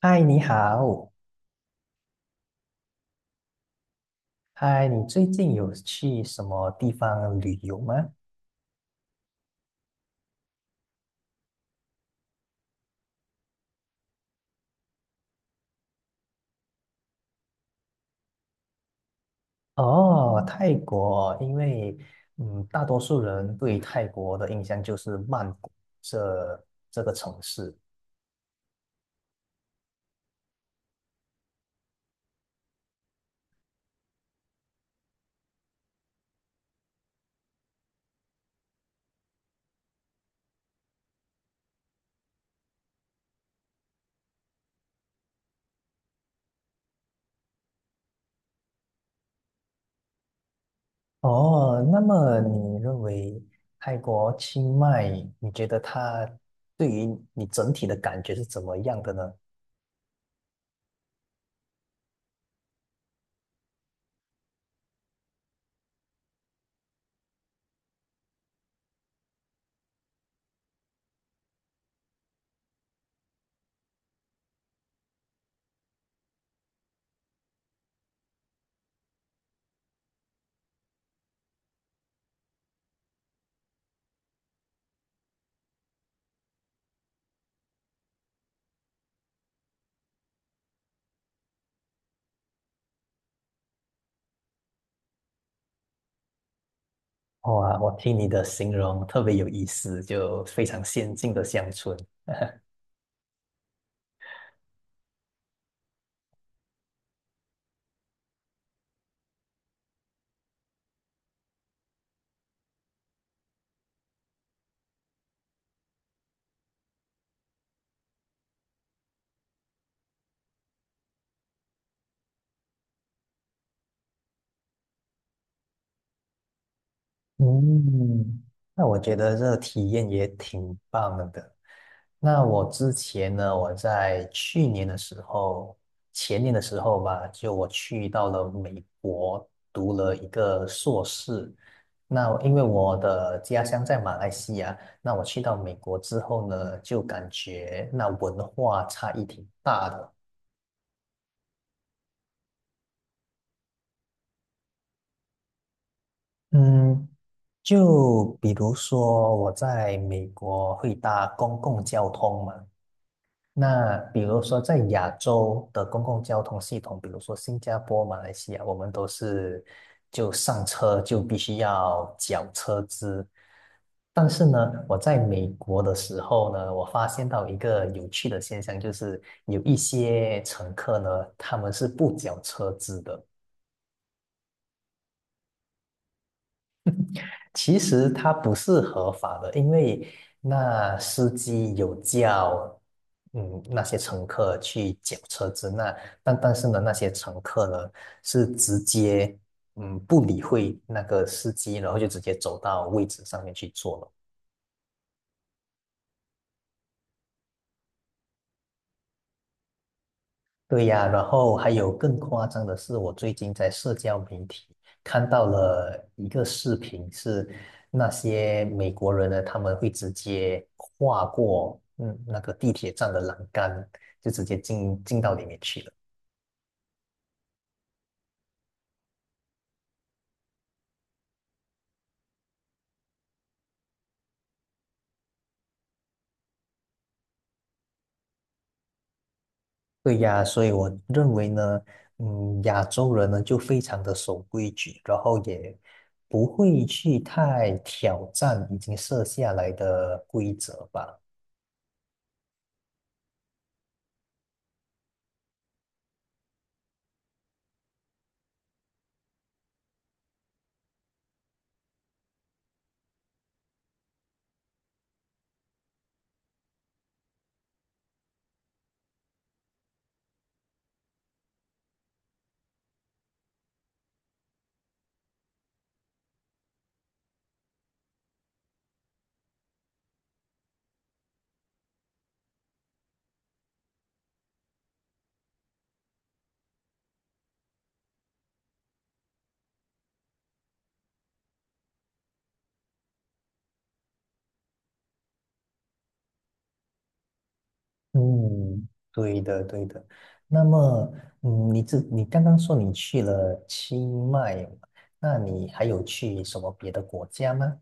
嗨，你好。嗨，你最近有去什么地方旅游吗？哦，泰国，因为大多数人对泰国的印象就是曼谷这个城市。哦，那么你认为泰国清迈，你觉得它对于你整体的感觉是怎么样的呢？哇，我听你的形容特别有意思，就非常先进的乡村。嗯，那我觉得这个体验也挺棒的。那我之前呢，我在去年的时候，前年的时候吧，就我去到了美国读了一个硕士。那因为我的家乡在马来西亚，那我去到美国之后呢，就感觉那文化差异挺大的。嗯，就比如说我在美国会搭公共交通嘛。那比如说，在亚洲的公共交通系统，比如说新加坡、马来西亚，我们都是就上车就必须要缴车资。但是呢，我在美国的时候呢，我发现到一个有趣的现象，就是有一些乘客呢，他们是不缴车资的。其实它不是合法的，因为那司机有叫，那些乘客去缴车子，那但是呢，那些乘客呢是直接，不理会那个司机，然后就直接走到位置上面去坐了。对呀，然后还有更夸张的是，我最近在社交媒体看到了一个视频，是那些美国人呢，他们会直接跨过那个地铁站的栏杆，就直接进到里面去了。对呀，所以我认为呢，嗯，亚洲人呢就非常的守规矩，然后也不会去太挑战已经设下来的规则吧。嗯，对的，对的。那么，嗯，你刚刚说你去了清迈嘛，那你还有去什么别的国家吗？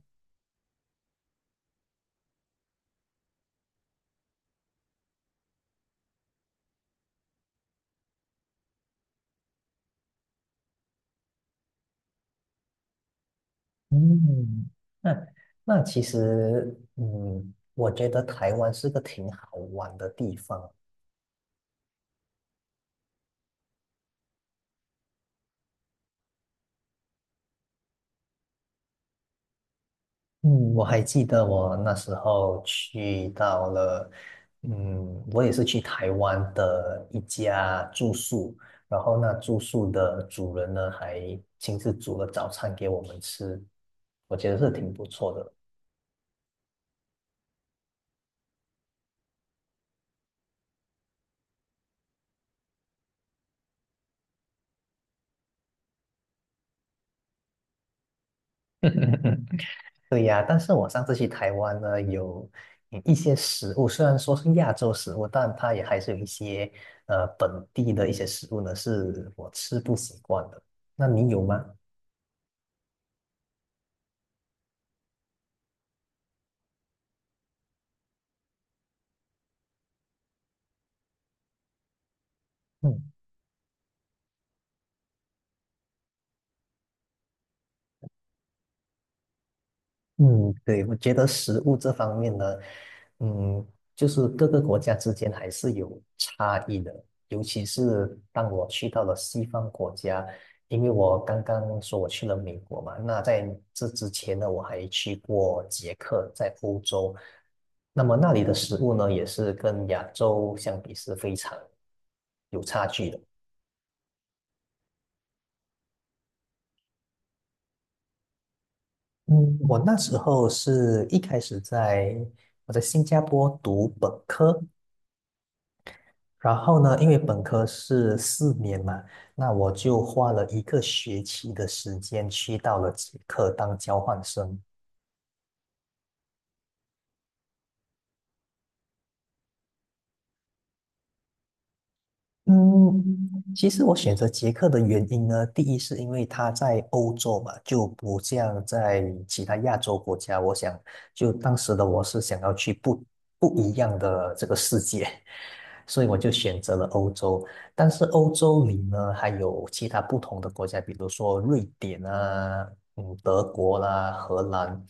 嗯，那那其实，嗯，我觉得台湾是个挺好玩的地方。嗯，我还记得我那时候去到了，嗯，我也是去台湾的一家住宿，然后那住宿的主人呢还亲自煮了早餐给我们吃，我觉得是挺不错的。对呀，但是我上次去台湾呢，有一些食物，虽然说是亚洲食物，但它也还是有一些本地的一些食物呢，是我吃不习惯的。那你有吗？嗯。嗯，对，我觉得食物这方面呢，嗯，就是各个国家之间还是有差异的，尤其是当我去到了西方国家，因为我刚刚说我去了美国嘛，那在这之前呢，我还去过捷克，在欧洲，那么那里的食物呢，也是跟亚洲相比是非常有差距的。嗯，我那时候是一开始在我在新加坡读本科，然后呢，因为本科是四年嘛，那我就花了一个学期的时间去到了捷克当交换生。嗯，其实我选择捷克的原因呢，第一是因为它在欧洲嘛，就不像在其他亚洲国家。我想，就当时的我是想要去不一样的这个世界，所以我就选择了欧洲。但是欧洲里呢，还有其他不同的国家，比如说瑞典啊，嗯，德国啦，荷兰。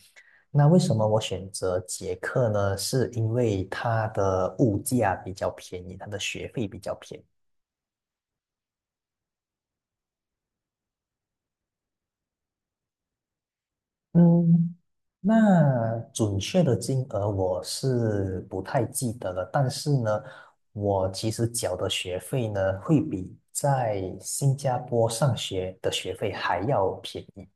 那为什么我选择捷克呢？是因为它的物价比较便宜，它的学费比较便宜。嗯，那准确的金额我是不太记得了，但是呢，我其实缴的学费呢，会比在新加坡上学的学费还要便宜。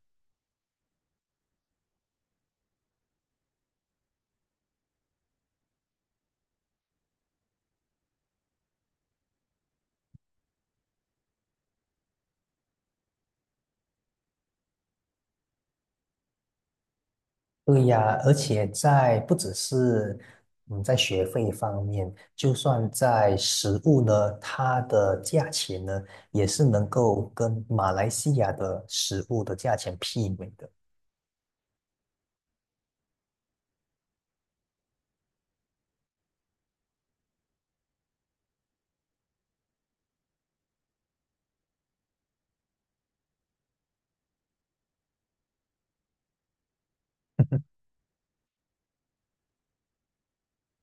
对呀，而且不只是嗯在学费方面，就算在食物呢，它的价钱呢，也是能够跟马来西亚的食物的价钱媲美的。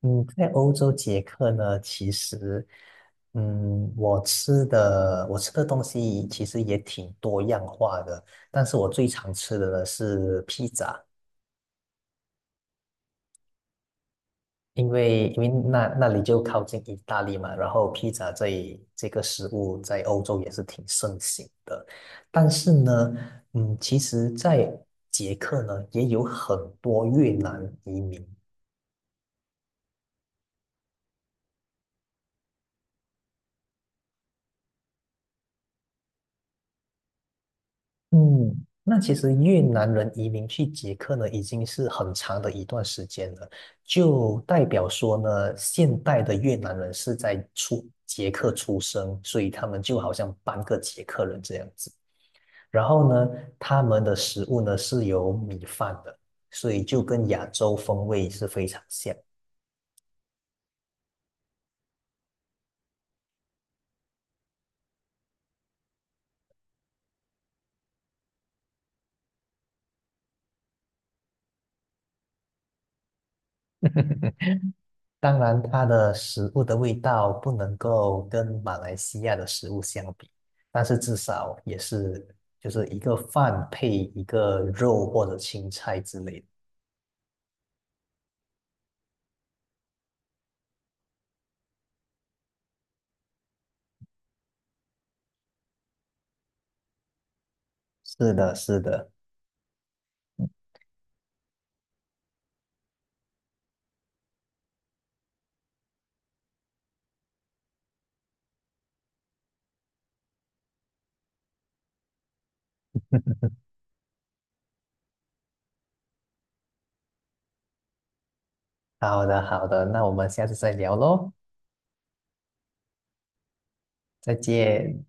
嗯，在欧洲捷克呢，其实，嗯，我吃的东西其实也挺多样化的，但是我最常吃的呢是披萨，因为那里就靠近意大利嘛，然后披萨这个食物在欧洲也是挺盛行的，但是呢，嗯，其实，在捷克呢也有很多越南移民。嗯，那其实越南人移民去捷克呢，已经是很长的一段时间了，就代表说呢，现代的越南人是在捷克出生，所以他们就好像半个捷克人这样子。然后呢，他们的食物呢是有米饭的，所以就跟亚洲风味是非常像。当然，它的食物的味道不能够跟马来西亚的食物相比，但是至少也是就是一个饭配一个肉或者青菜之类的。是的，是的。好的，好的，那我们下次再聊喽，再见。